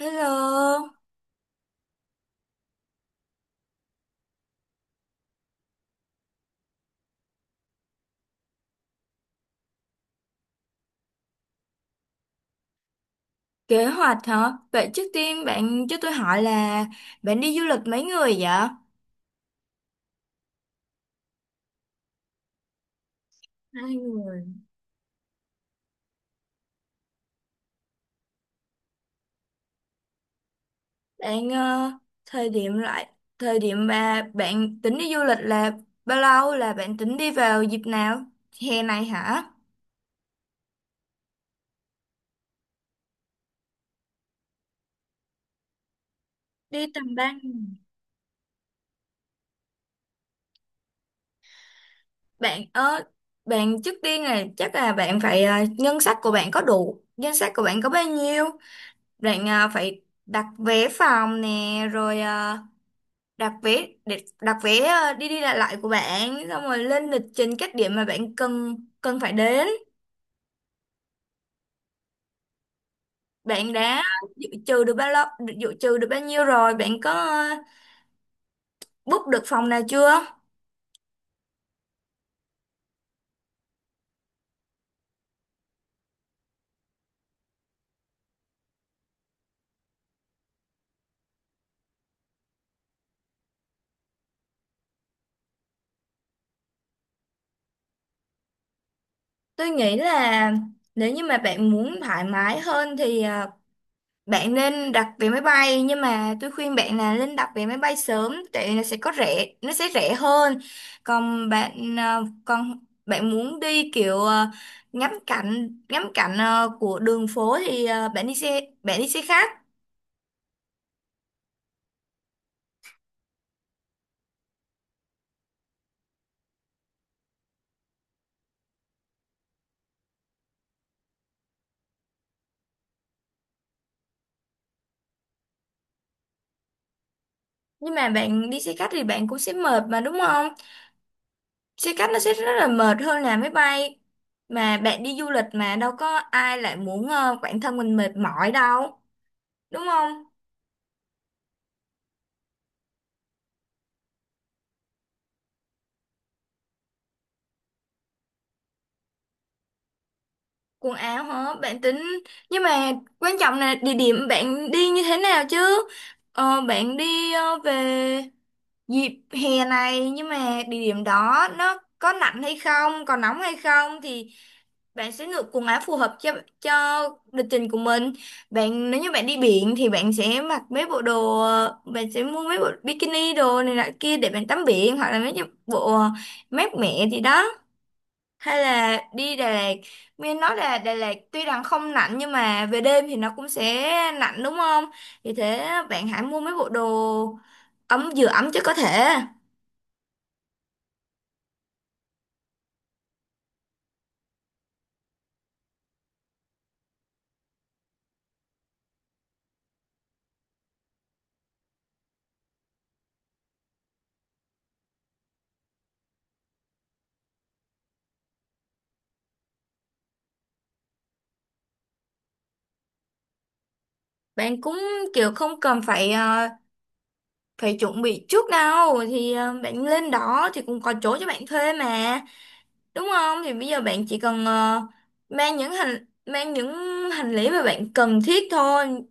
Hello, kế hoạch hả? Vậy trước tiên bạn cho tôi hỏi là bạn đi du lịch mấy người vậy? 2 người. Bạn thời điểm lại thời điểm mà bạn tính đi du lịch là bao lâu, là bạn tính đi vào dịp nào? Hè này hả? Đi tầm 3 ngày. Bạn bạn trước tiên là chắc là bạn phải ngân sách của bạn có đủ, ngân sách của bạn có bao nhiêu? Bạn phải đặt vé phòng nè, rồi đặt vé đi đi lại lại của bạn, xong rồi lên lịch trình các điểm mà bạn cần cần phải đến. Bạn đã dự trù được bao lâu, dự trù được bao nhiêu, rồi bạn có book được phòng nào chưa? Tôi nghĩ là nếu như mà bạn muốn thoải mái hơn thì bạn nên đặt vé máy bay, nhưng mà tôi khuyên bạn là nên đặt vé máy bay sớm, tại vì nó sẽ có rẻ, nó sẽ rẻ hơn. Còn bạn còn bạn muốn đi kiểu ngắm cảnh của đường phố thì bạn đi xe khách. Nhưng mà bạn đi xe khách thì bạn cũng sẽ mệt mà, đúng không? Xe khách nó sẽ rất là mệt hơn là máy bay. Mà bạn đi du lịch mà đâu có ai lại muốn bản thân mình mệt mỏi đâu, đúng không? Quần áo hả? Bạn tính nhưng mà quan trọng là địa điểm bạn đi như thế nào chứ? Bạn đi về dịp hè này, nhưng mà địa điểm đó nó có lạnh hay không, có nóng hay không, thì bạn sẽ lựa quần áo phù hợp cho cho lịch trình của mình. Bạn nếu như bạn đi biển thì bạn sẽ mặc mấy bộ đồ, bạn sẽ mua mấy bộ bikini đồ này nọ kia để bạn tắm biển, hoặc là mấy cái bộ mát mẻ gì đó, hay là đi Đà Lạt. Nghe nói là Đà Lạt tuy rằng không lạnh nhưng mà về đêm thì nó cũng sẽ lạnh, đúng không? Vì thế bạn hãy mua mấy bộ đồ ấm vừa ấm chứ có thể bạn cũng kiểu không cần phải phải chuẩn bị trước đâu, thì bạn lên đó thì cũng có chỗ cho bạn thuê mà, đúng không? Thì bây giờ bạn chỉ cần mang những hành lý mà bạn cần thiết thôi,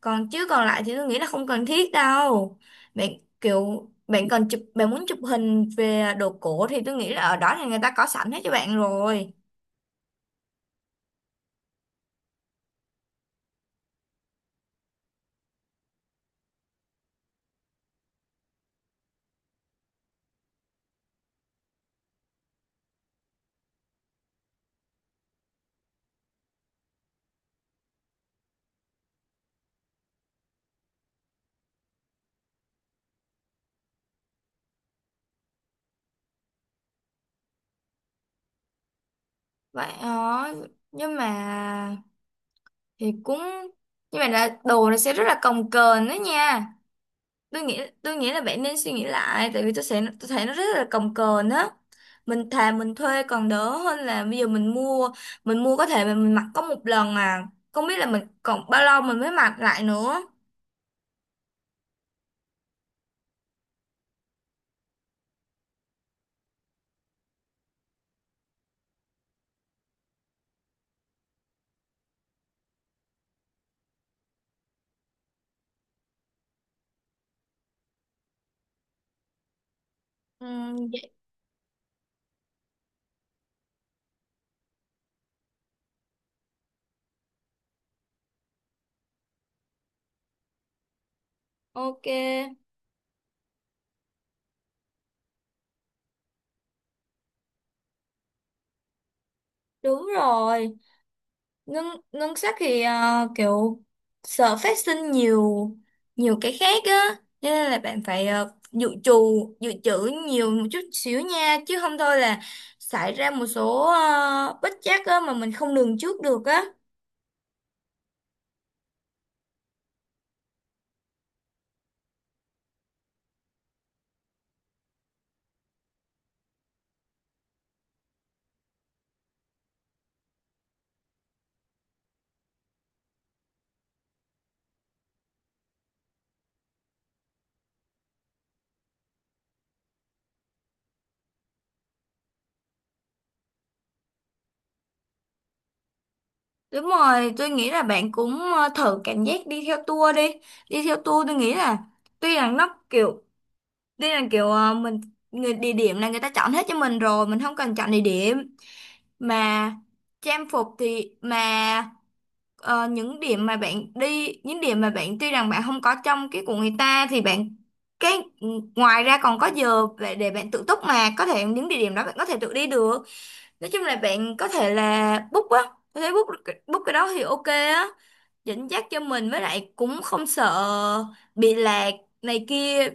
còn chứ còn lại thì tôi nghĩ là không cần thiết đâu. Bạn kiểu bạn muốn chụp hình về đồ cổ thì tôi nghĩ là ở đó thì người ta có sẵn hết cho bạn rồi. Vậy đó, nhưng mà thì cũng nhưng mà là đồ nó sẽ rất là cồng kềnh đó nha. Tôi nghĩ là bạn nên suy nghĩ lại, tại vì tôi sẽ tôi thấy nó rất là cồng kềnh á. Mình thà mình thuê còn đỡ hơn là bây giờ mình mua, có thể mà mình mặc có 1 lần à, không biết là mình còn bao lâu mình mới mặc lại nữa. Ừ, vậy- ok. Đúng rồi, ngân ngân sách thì kiểu sợ phát sinh nhiều nhiều cái khác á, cho nên là bạn phải dự trù dự trữ nhiều một chút xíu nha, chứ không thôi là xảy ra một số bất trắc á mà mình không lường trước được á. Đúng rồi, tôi nghĩ là bạn cũng thử cảm giác đi theo tour đi. Đi theo tour Tôi nghĩ là tuy là nó kiểu tuy là kiểu mình người địa điểm là người ta chọn hết cho mình rồi, mình không cần chọn địa điểm mà trang phục thì mà những điểm mà bạn đi, những điểm mà bạn tuy rằng bạn không có trong cái của người ta thì bạn cái ngoài ra còn có giờ để bạn tự túc mà có thể những địa điểm đó bạn có thể tự đi được. Nói chung là bạn có thể là book á, có thể book book cái đó thì ok á, dẫn dắt cho mình với lại cũng không sợ bị lạc này kia.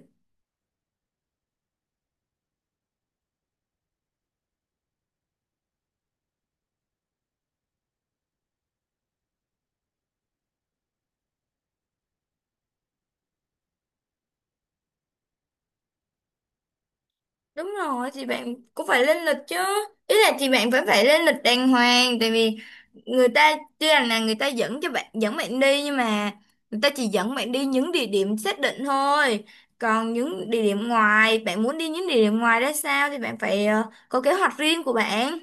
Đúng rồi thì bạn cũng phải lên lịch chứ, ý là thì bạn vẫn phải lên lịch đàng hoàng, tại vì người ta tuy rằng là người ta dẫn bạn đi nhưng mà người ta chỉ dẫn bạn đi những địa điểm xác định thôi, còn những địa điểm ngoài bạn muốn đi những địa điểm ngoài ra sao thì bạn phải có kế hoạch riêng của bạn.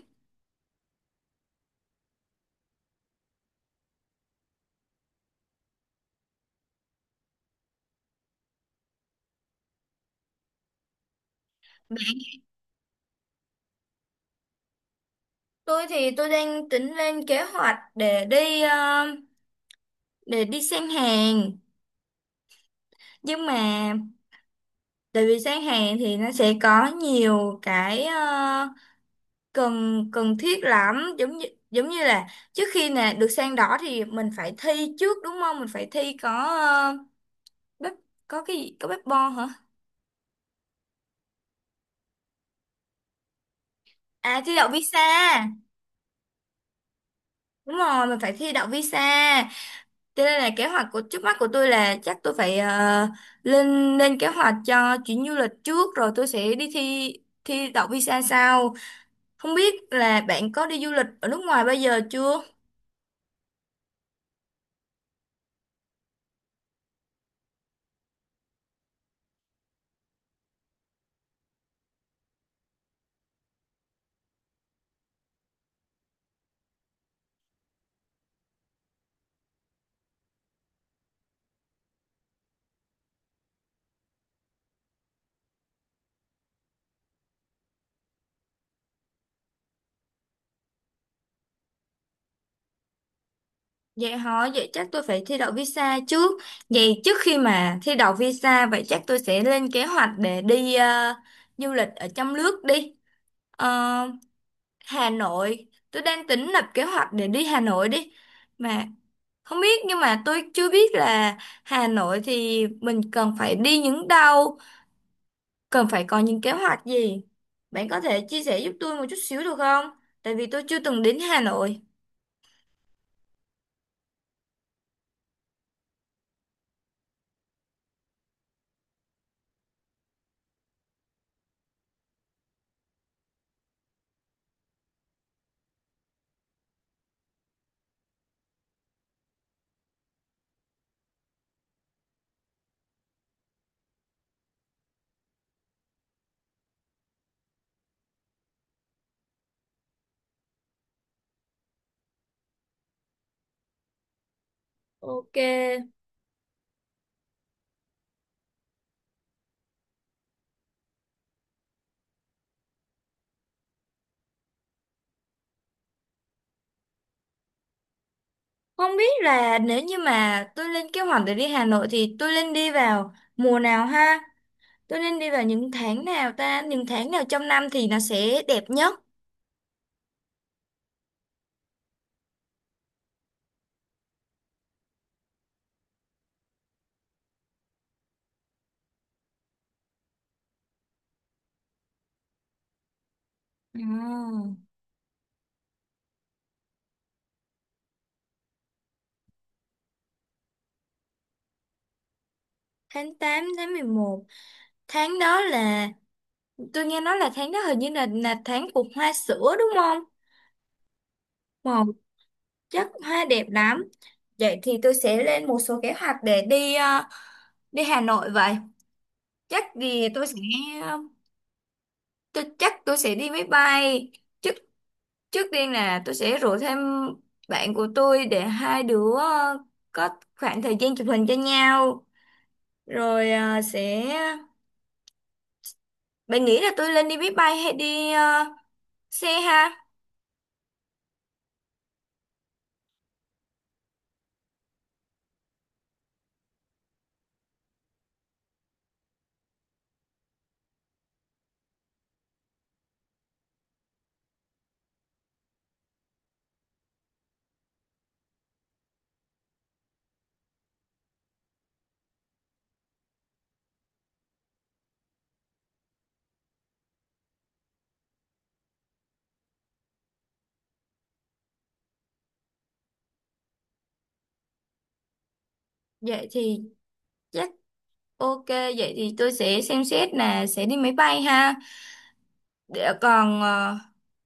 Tôi thì tôi đang tính lên kế hoạch để đi để đi sang Hàn, nhưng mà tại vì sang Hàn thì nó sẽ có nhiều cái cần cần thiết lắm, giống như là trước khi nè được sang đỏ thì mình phải thi trước, đúng không? Mình phải thi có ờ, bếp, có cái gì có bếp bo hả? À, thi đậu visa. Đúng rồi, mình phải thi đậu visa, cho nên là kế hoạch của trước mắt của tôi là chắc tôi phải lên lên kế hoạch cho chuyến du lịch trước, rồi tôi sẽ đi thi thi đậu visa sau. Không biết là bạn có đi du lịch ở nước ngoài bao giờ chưa? Vậy hả? Vậy chắc tôi phải thi đậu visa trước. Vậy trước khi mà thi đậu visa, vậy chắc tôi sẽ lên kế hoạch để đi du lịch ở trong nước đi. Ờ, Hà Nội, tôi đang tính lập kế hoạch để đi Hà Nội đi. Mà không biết, nhưng mà tôi chưa biết là Hà Nội thì mình cần phải đi những đâu, cần phải có những kế hoạch gì. Bạn có thể chia sẻ giúp tôi một chút xíu được không? Tại vì tôi chưa từng đến Hà Nội. Ok. Không biết là nếu như mà tôi lên kế hoạch để đi Hà Nội thì tôi nên đi vào mùa nào ha? Tôi nên đi vào những tháng nào ta? Những tháng nào trong năm thì nó sẽ đẹp nhất? Ừ. Tháng 8, tháng 11, tháng đó là tôi nghe nói là tháng đó hình như là tháng của hoa sữa đúng không? Màu chắc hoa đẹp lắm. Vậy thì tôi sẽ lên một số kế hoạch để đi đi Hà Nội vậy. Chắc thì tôi sẽ ờ, tôi chắc tôi sẽ đi máy bay. Trước tiên là tôi sẽ rủ thêm bạn của tôi để 2 đứa có khoảng thời gian chụp hình cho nhau. Rồi sẽ. Bạn nghĩ là tôi lên đi máy bay hay đi xe ha? Vậy thì chắc ok. Vậy thì tôi sẽ xem xét là sẽ đi máy bay ha. Để còn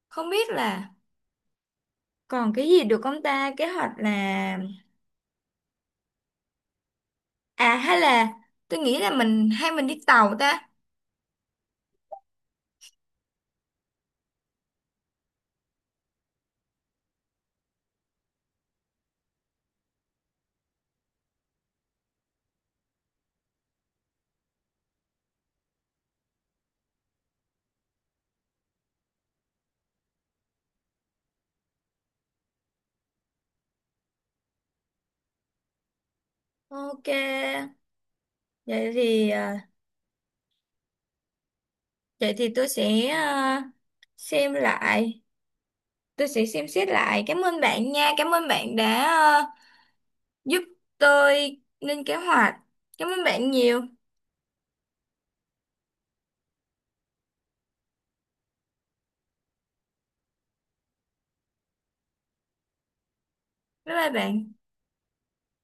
không biết là còn cái gì được không ta? Kế hoạch là... À hay là tôi nghĩ là mình hay mình đi tàu ta. Ok. Vậy thì... vậy thì tôi sẽ xem lại, tôi sẽ xem xét lại. Cảm ơn bạn nha, cảm ơn bạn đã giúp tôi lên kế hoạch. Cảm ơn bạn nhiều. Bye bye bạn.